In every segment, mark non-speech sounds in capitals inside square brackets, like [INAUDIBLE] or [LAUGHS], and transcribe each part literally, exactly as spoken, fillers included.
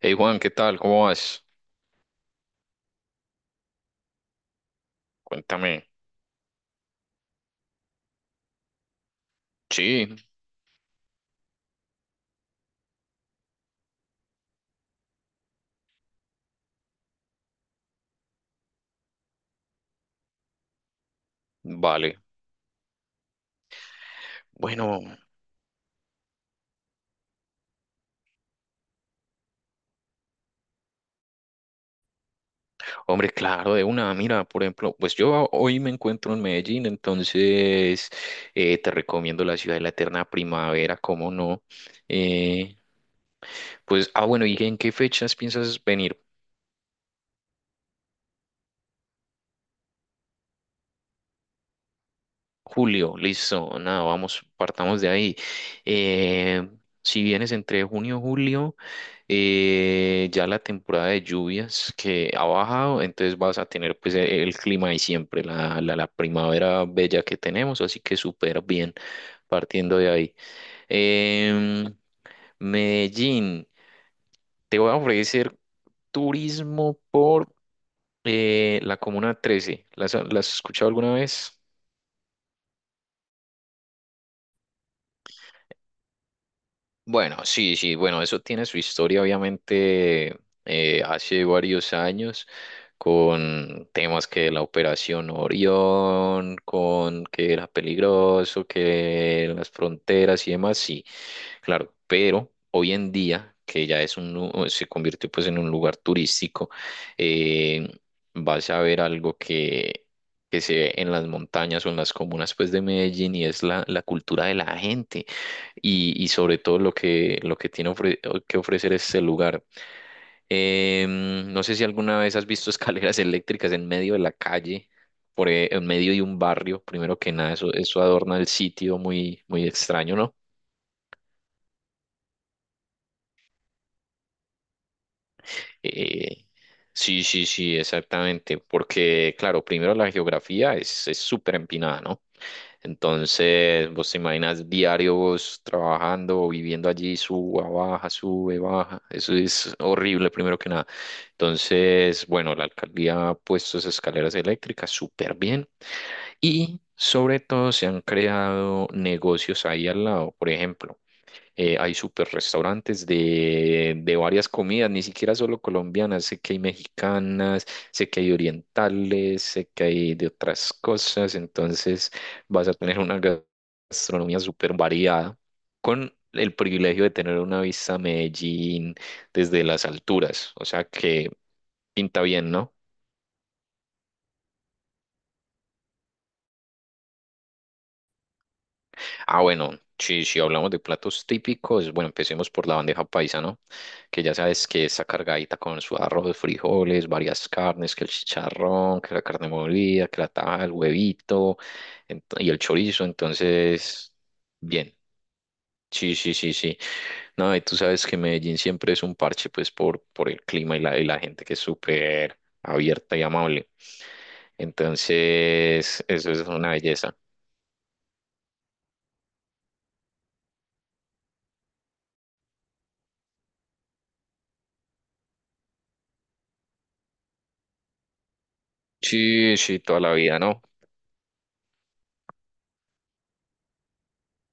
Hey Juan, ¿qué tal? ¿Cómo vas? Cuéntame. Sí, vale. Bueno, hombre, claro, de una. Mira, por ejemplo, pues yo hoy me encuentro en Medellín, entonces eh, te recomiendo la ciudad de la eterna primavera, ¿cómo no? Eh, pues, ah, bueno, ¿y en qué fechas piensas venir? Julio, listo, nada, vamos, partamos de ahí. Eh, si vienes entre junio y julio, eh, ya la temporada de lluvias que ha bajado, entonces vas a tener pues el, el clima de siempre, la, la, la primavera bella que tenemos, así que súper bien partiendo de ahí. Em, Medellín, te voy a ofrecer turismo por eh, la Comuna trece. ¿Las, las has escuchado alguna vez? Bueno, sí, sí, bueno, eso tiene su historia, obviamente, eh, hace varios años, con temas que la Operación Orión, con que era peligroso, que las fronteras y demás, sí, claro, pero hoy en día, que ya es un, lu- se convirtió pues en un lugar turístico, eh, vas a ver algo que, que se ve en las montañas o en las comunas pues de Medellín y es la, la cultura de la gente y, y sobre todo lo que, lo que tiene ofre- que ofrecer este lugar. Em, no sé si alguna vez has visto [LAUGHS] escaleras eléctricas en medio de la calle, por, e- en medio de un barrio, primero que nada, eso, eso adorna el sitio muy, muy extraño, ¿no? Eh, sí, sí, sí, exactamente, porque claro, primero la geografía es es súper empinada, ¿no? Entonces, vos te imaginas diario vos trabajando o viviendo allí, suba, baja, sube, baja. Eso es horrible, primero que nada. Entonces, bueno, la alcaldía ha puesto esas escaleras eléctricas súper bien y sobre todo se han creado negocios ahí al lado. Por ejemplo, eh, hay super restaurantes de, de varias comidas, ni siquiera solo colombianas, sé que hay mexicanas, sé que hay orientales, sé que hay de otras cosas, entonces vas a tener una gastronomía súper variada con el privilegio de tener una vista a Medellín desde las alturas, o sea que pinta bien, ¿no? Ah, bueno, si, si hablamos de platos típicos, bueno, empecemos por la bandeja paisa, ¿no? Que ya sabes que está cargadita con su arroz, frijoles, varias carnes, que el chicharrón, que la carne molida, que la taja, el huevito ento- y el chorizo. Entonces, bien. Sí, sí, sí, sí. No, y tú sabes que Medellín siempre es un parche, pues, por, por el clima y la, y la gente que es súper abierta y amable. Entonces, eso es una belleza. Sí, sí, toda la vida, ¿no?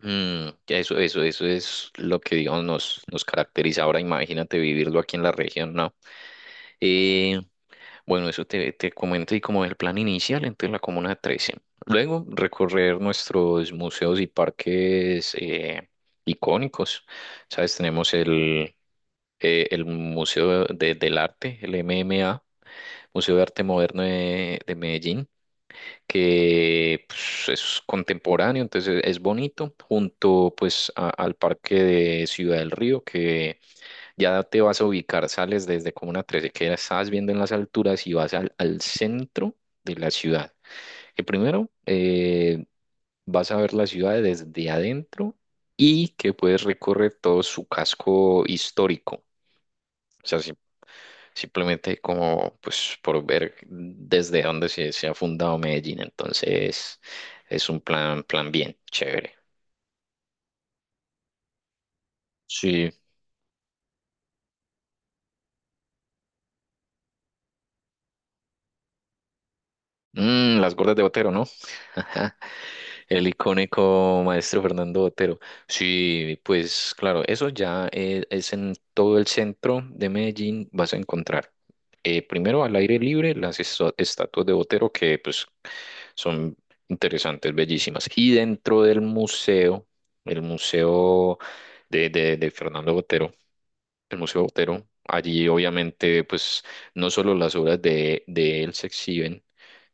Mm, eso, eso, eso es lo que, digamos, nos, nos caracteriza. Ahora imagínate vivirlo aquí en la región, ¿no? Eh, bueno, eso te, te comento y como el plan inicial, entonces la Comuna trece. Luego, recorrer nuestros museos y parques eh, icónicos. ¿Sabes? Tenemos el, eh, el Museo de- del Arte, el M M A, Museo de Arte Moderno de, de Medellín que pues, es contemporáneo, entonces es bonito, junto pues a- al parque de Ciudad del Río, que ya te vas a ubicar, sales desde Comuna trece que ya estás viendo en las alturas y vas al, al centro de la ciudad. Que primero eh, vas a ver la ciudad desde adentro y que puedes recorrer todo su casco histórico. O sea, sí, simplemente como pues por ver desde dónde se, se ha fundado Medellín. Entonces es un plan, plan bien, chévere. Sí. Mm, las gordas de Botero, ¿no? [LAUGHS] El icónico maestro Fernando Botero. Sí, pues claro, eso ya eh, es, en todo el centro de Medellín vas a encontrar. eh, primero al aire libre las esto- estatuas de Botero que pues son interesantes, bellísimas. Y dentro del museo, el museo de, de de Fernando Botero, el Museo Botero. Allí obviamente pues no solo las obras de, de él se exhiben,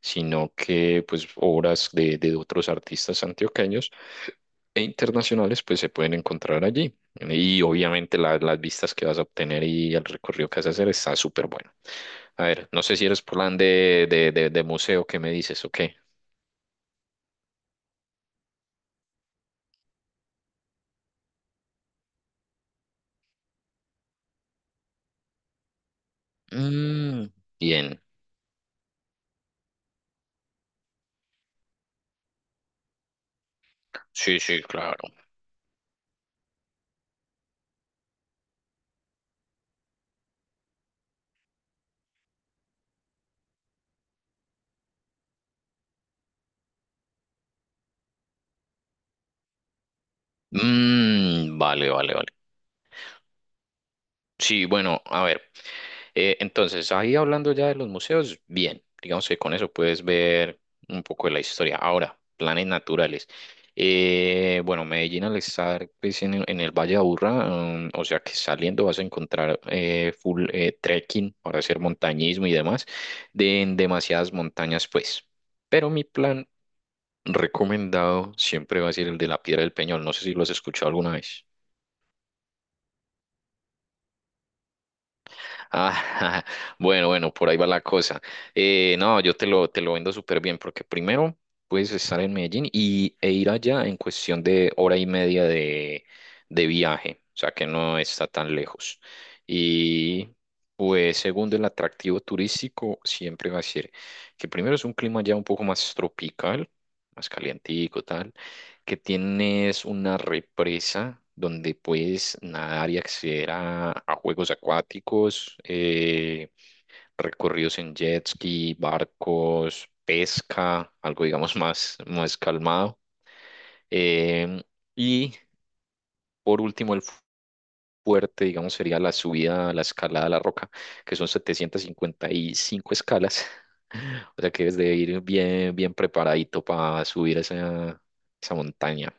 sino que pues obras de, de otros artistas antioqueños e internacionales pues se pueden encontrar allí. Y obviamente la- las vistas que vas a obtener y el recorrido que vas a hacer está súper bueno. A ver, no sé si eres plan de, de, de, de museo, ¿qué me dices o qué? Mm, bien. Sí, sí, claro. Mm, vale, vale, vale. Sí, bueno, a ver. Eh, entonces, ahí hablando ya de los museos, bien, digamos que con eso puedes ver un poco de la historia. Ahora, planes naturales. Eh, bueno, Medellín al estar pues, en, el en el Valle de Aburrá, mm, o sea que saliendo vas a encontrar eh, full eh, trekking para hacer montañismo y demás, de, en demasiadas montañas pues. Pero mi plan recomendado siempre va a ser el de la Piedra del Peñol. No sé si lo has escuchado alguna vez. Ah, [LAUGHS] bueno, bueno, por ahí va la cosa. Eh, no, yo te lo, te lo vendo súper bien porque primero puedes estar en Medellín y, e ir allá en cuestión de hora y media de, de viaje, o sea que no está tan lejos. Y pues segundo, el atractivo turístico siempre va a ser que primero es un clima ya un poco más tropical, más calientico, tal que tienes una represa donde puedes nadar y acceder a, a juegos acuáticos, eh, recorridos en jet ski, barcos, pesca, algo digamos [LAUGHS] más, más calmado. Em, y por último, el fu- fuerte, digamos, sería la subida, la escalada a la roca, que son setecientas cincuenta y cinco escalas. [LAUGHS] O sea que debes de ir bien, bien preparadito para subir esa, esa montaña.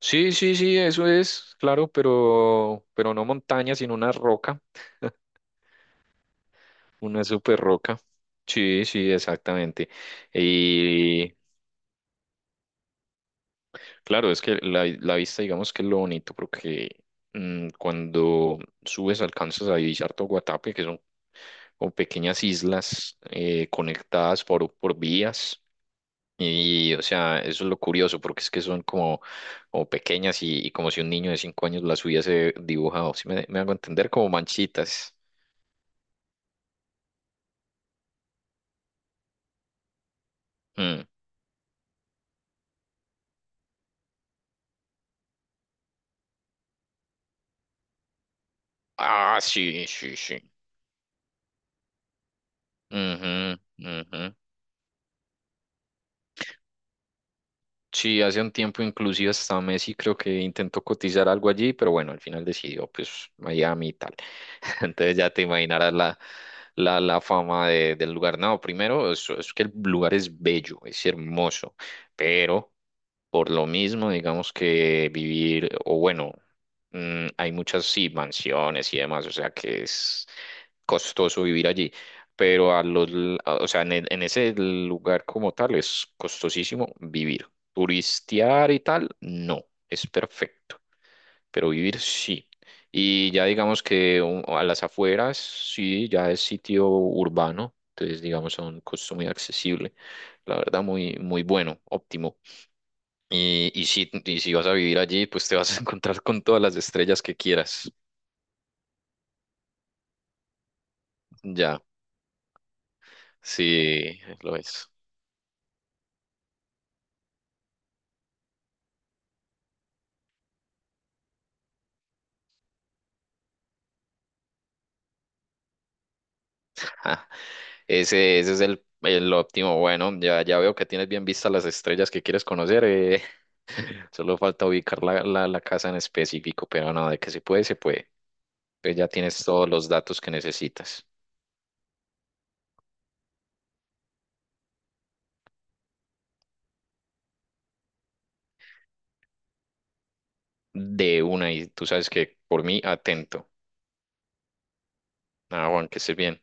Sí, sí, sí, eso es, claro, pero, pero no montaña, sino una roca, [LAUGHS] una super roca. Sí, sí, exactamente. Y claro, es que la, la vista, digamos que es lo bonito, porque mm, cuando subes alcanzas a divisar todo Guatapé, que son como pequeñas islas eh, conectadas por, por vías. Y, o sea, eso es lo curioso, porque es que son como, como pequeñas y, y como si un niño de cinco años las hubiese dibujado. Si me, me hago entender, como manchitas. Mm. Ah, sí, sí, sí. Ujú, ujú. Sí, hace un tiempo inclusive hasta Messi creo que intentó cotizar algo allí, pero bueno, al final decidió pues Miami y tal. [LAUGHS] Entonces ya te imaginarás la, la, la fama de- del lugar. No, primero es, es que el lugar es bello, es hermoso, pero por lo mismo digamos que vivir, o bueno, mm, hay muchas sí, mansiones y demás, o sea que es costoso vivir allí pero a los, l- a- o sea, en, el- en ese lugar como tal es costosísimo vivir. Turistear y tal, no, es perfecto, pero vivir sí. Y ya digamos que un- a las afueras, sí, ya es sitio urbano, entonces digamos a un costo muy accesible, la verdad muy, muy bueno, óptimo. Y, y si, y si vas a vivir allí, pues te vas a [LAUGHS] encontrar con todas las estrellas que quieras, ya, sí, lo es. Ja. Ese, ese es el, el óptimo. Bueno, ya, ya veo que tienes bien vistas las estrellas que quieres conocer. eh. Solo falta ubicar la, la, la casa en específico, pero no, de que se puede, se puede. Pues ya tienes todos los datos que necesitas. De una, y tú sabes que por mí, atento. Nada, Juan, que estés bien.